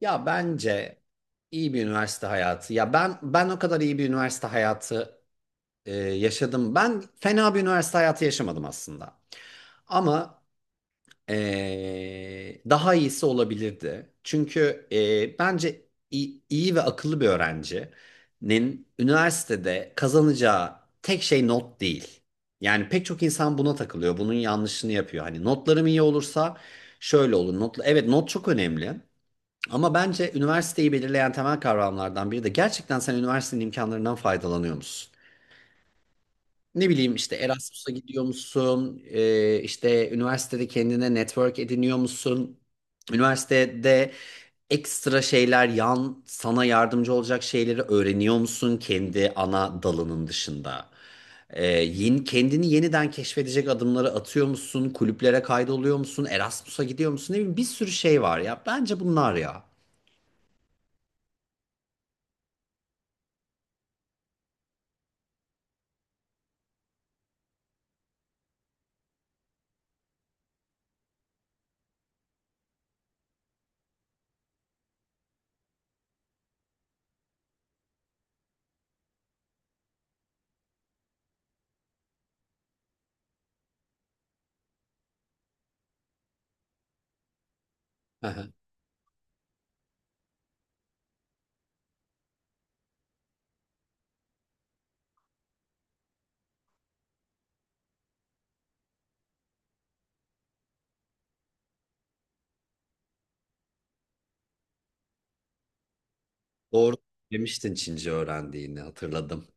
Ya bence iyi bir üniversite hayatı. Ya ben o kadar iyi bir üniversite hayatı yaşadım. Ben fena bir üniversite hayatı yaşamadım aslında. Ama daha iyisi olabilirdi. Çünkü bence iyi ve akıllı bir öğrencinin üniversitede kazanacağı tek şey not değil. Yani pek çok insan buna takılıyor. Bunun yanlışını yapıyor. Hani notlarım iyi olursa şöyle olur. Not, evet, not çok önemli. Ama bence üniversiteyi belirleyen temel kavramlardan biri de gerçekten sen üniversitenin imkanlarından faydalanıyor musun? Ne bileyim işte Erasmus'a gidiyor musun? İşte üniversitede kendine network ediniyor musun? Üniversitede ekstra şeyler, yan sana yardımcı olacak şeyleri öğreniyor musun kendi ana dalının dışında? Kendini yeniden keşfedecek adımları atıyor musun? Kulüplere kaydoluyor musun? Erasmus'a gidiyor musun? Ne bileyim bir sürü şey var ya. Bence bunlar ya. Doğru, demiştin Çince öğrendiğini hatırladım.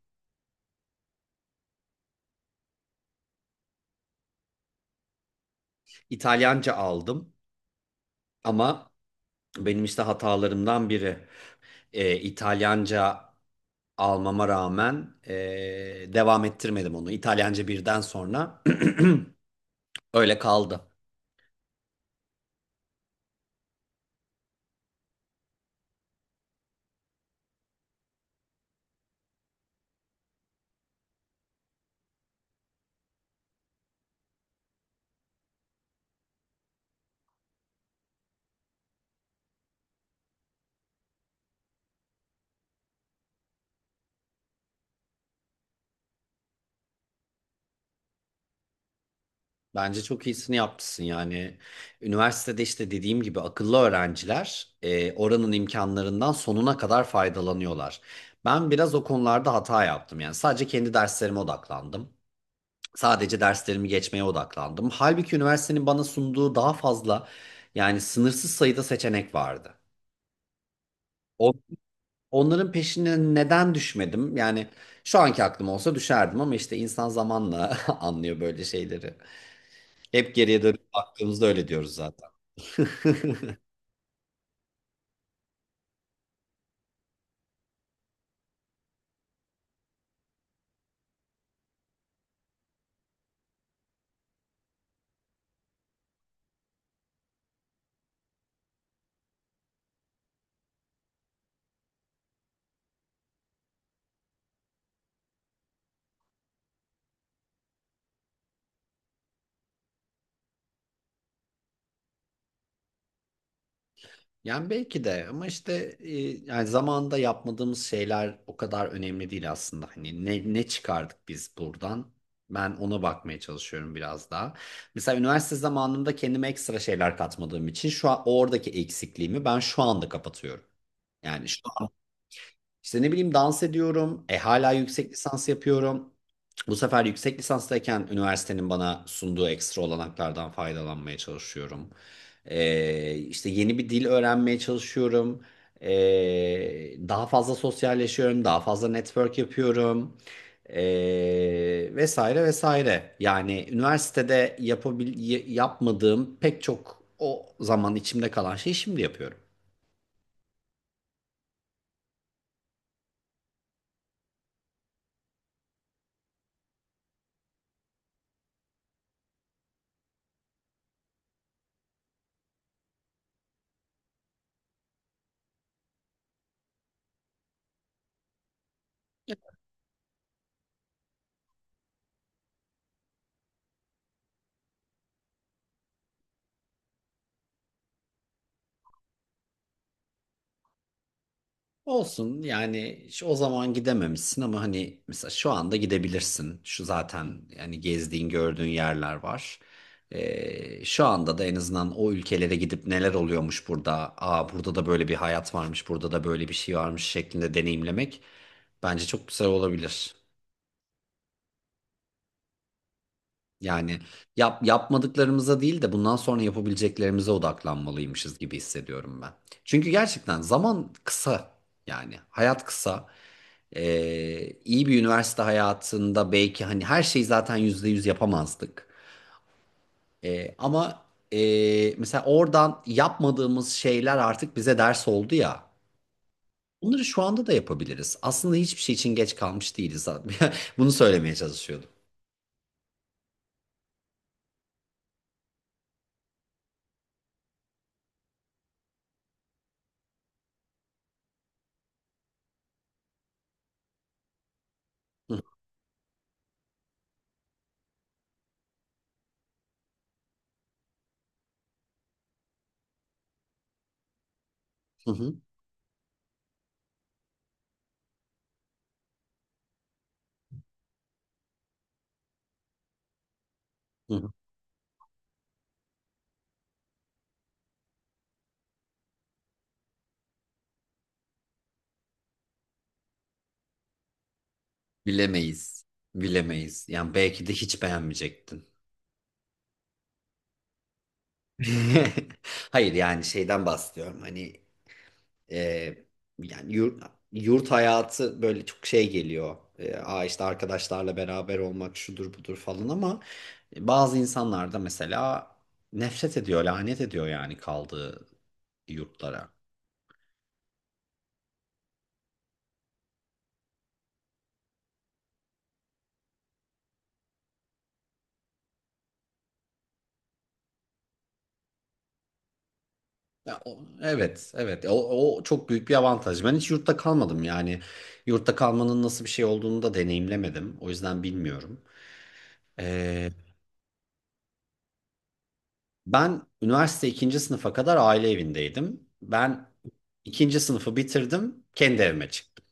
İtalyanca aldım ama benim işte hatalarımdan biri İtalyanca almama rağmen devam ettirmedim onu. İtalyanca birden sonra öyle kaldı. Bence çok iyisini yapmışsın yani. Üniversitede işte dediğim gibi akıllı öğrenciler oranın imkanlarından sonuna kadar faydalanıyorlar. Ben biraz o konularda hata yaptım, yani sadece kendi derslerime odaklandım. Sadece derslerimi geçmeye odaklandım. Halbuki üniversitenin bana sunduğu daha fazla, yani sınırsız sayıda seçenek vardı. O- Onların peşine neden düşmedim? Yani şu anki aklım olsa düşerdim ama işte insan zamanla anlıyor böyle şeyleri. Hep geriye dönüp baktığımızda öyle diyoruz zaten. Yani belki de, ama işte yani zamanında yapmadığımız şeyler o kadar önemli değil aslında. Hani ne çıkardık biz buradan? Ben ona bakmaya çalışıyorum biraz daha. Mesela üniversite zamanında kendime ekstra şeyler katmadığım için şu an oradaki eksikliğimi ben şu anda kapatıyorum. Yani şu işte, ne bileyim, dans ediyorum. Hala yüksek lisans yapıyorum. Bu sefer yüksek lisanstayken üniversitenin bana sunduğu ekstra olanaklardan faydalanmaya çalışıyorum. İşte yeni bir dil öğrenmeye çalışıyorum. E, Daha fazla sosyalleşiyorum. Daha fazla network yapıyorum. E, Vesaire vesaire. Yani üniversitede yapmadığım pek çok o zaman içimde kalan şeyi şimdi yapıyorum. Olsun yani, o zaman gidememişsin ama hani mesela şu anda gidebilirsin. Şu zaten yani gezdiğin gördüğün yerler var. Şu anda da en azından o ülkelere gidip neler oluyormuş burada. Burada da böyle bir hayat varmış, burada da böyle bir şey varmış şeklinde deneyimlemek bence çok güzel olabilir. Yani yapmadıklarımıza değil de bundan sonra yapabileceklerimize odaklanmalıymışız gibi hissediyorum ben. Çünkü gerçekten zaman kısa, yani hayat kısa. İyi bir üniversite hayatında belki hani her şeyi zaten %100 yapamazdık. Ama Mesela oradan yapmadığımız şeyler artık bize ders oldu ya. Bunları şu anda da yapabiliriz. Aslında hiçbir şey için geç kalmış değiliz. Bunu söylemeye çalışıyordum. Hı hı, hı hı. Bilemeyiz. Bilemeyiz. Yani belki de hiç beğenmeyecektin. Hayır, yani şeyden bahsediyorum. Hani, Ee, yani yurt hayatı böyle çok şey geliyor. Aa işte arkadaşlarla beraber olmak şudur budur falan ama bazı insanlar da mesela nefret ediyor, lanet ediyor yani kaldığı yurtlara. Ya, evet, evet. O çok büyük bir avantaj. Ben hiç yurtta kalmadım yani. Yurtta kalmanın nasıl bir şey olduğunu da deneyimlemedim. O yüzden bilmiyorum. Ee, Ben üniversite ikinci sınıfa kadar aile evindeydim. Ben ikinci sınıfı bitirdim, kendi evime çıktım.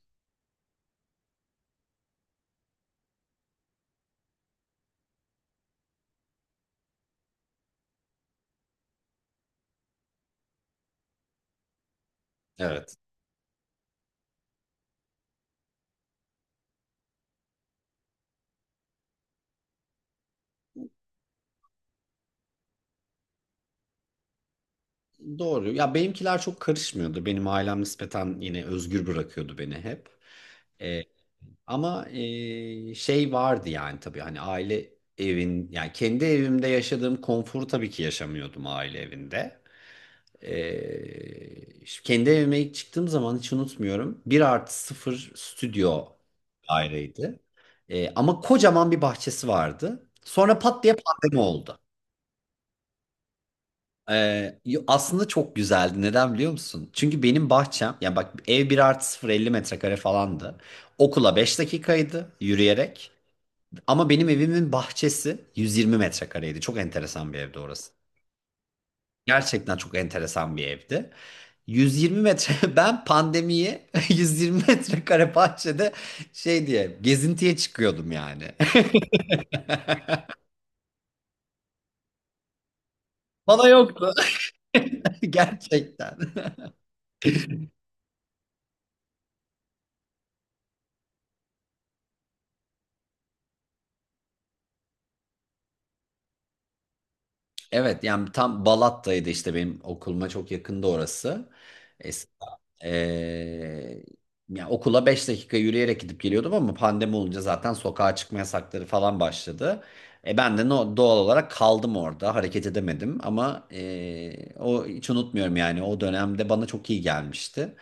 Evet. Doğru. Ya benimkiler çok karışmıyordu. Benim ailem nispeten yine özgür bırakıyordu beni hep. Ee, Ama şey vardı yani, tabii hani aile evin, yani kendi evimde yaşadığım konforu tabii ki yaşamıyordum aile evinde. İşte kendi evime ilk çıktığım zaman hiç unutmuyorum. 1+0 stüdyo daireydi. Ama kocaman bir bahçesi vardı. Sonra pat diye pandemi oldu. Aslında çok güzeldi. Neden biliyor musun? Çünkü benim bahçem, yani bak ev 1+0 50 metrekare falandı. Okula 5 dakikaydı yürüyerek. Ama benim evimin bahçesi 120 metrekareydi. Çok enteresan bir evdi orası. Gerçekten çok enteresan bir evdi. 120 metre, ben pandemiyi 120 metrekare bahçede şey diye gezintiye çıkıyordum yani. Bana yoktu. Gerçekten. Evet, yani tam Balat'taydı işte, benim okuluma çok yakında orası. Ee, Ya okula 5 dakika yürüyerek gidip geliyordum ama pandemi olunca zaten sokağa çıkma yasakları falan başladı. Ben de doğal olarak kaldım orada, hareket edemedim ama o hiç unutmuyorum, yani o dönemde bana çok iyi gelmişti.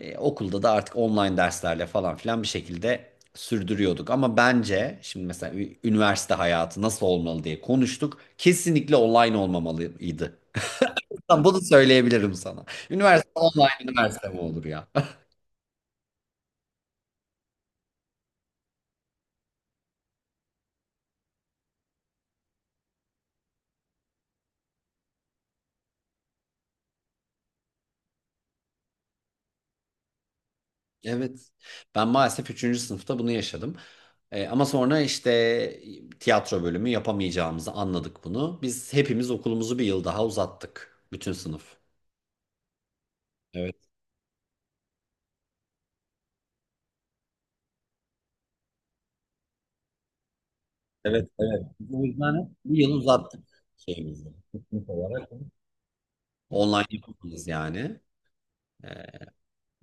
Okulda da artık online derslerle falan filan bir şekilde sürdürüyorduk ama bence şimdi mesela üniversite hayatı nasıl olmalı diye konuştuk. Kesinlikle online olmamalıydı. Bunu söyleyebilirim sana. Üniversite online üniversite mi olur ya? Evet. Ben maalesef üçüncü sınıfta bunu yaşadım. Ama sonra işte tiyatro bölümü yapamayacağımızı anladık bunu. Biz hepimiz okulumuzu bir yıl daha uzattık. Bütün sınıf. Evet. O yüzden bir yıl uzattık şeyimizi. Online yapamayız yani. Ee,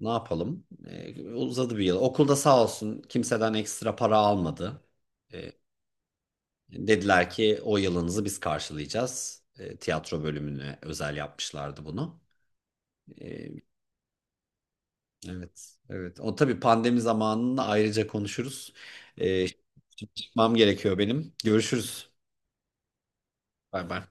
Ne yapalım? Uzadı bir yıl. Okulda sağ olsun kimseden ekstra para almadı. Ee, Dediler ki o yılınızı biz karşılayacağız. Tiyatro bölümüne özel yapmışlardı bunu. Ee, evet, evet. O tabii pandemi zamanını ayrıca konuşuruz. Ee, Şimdi çıkmam gerekiyor benim. Görüşürüz. Bay bay.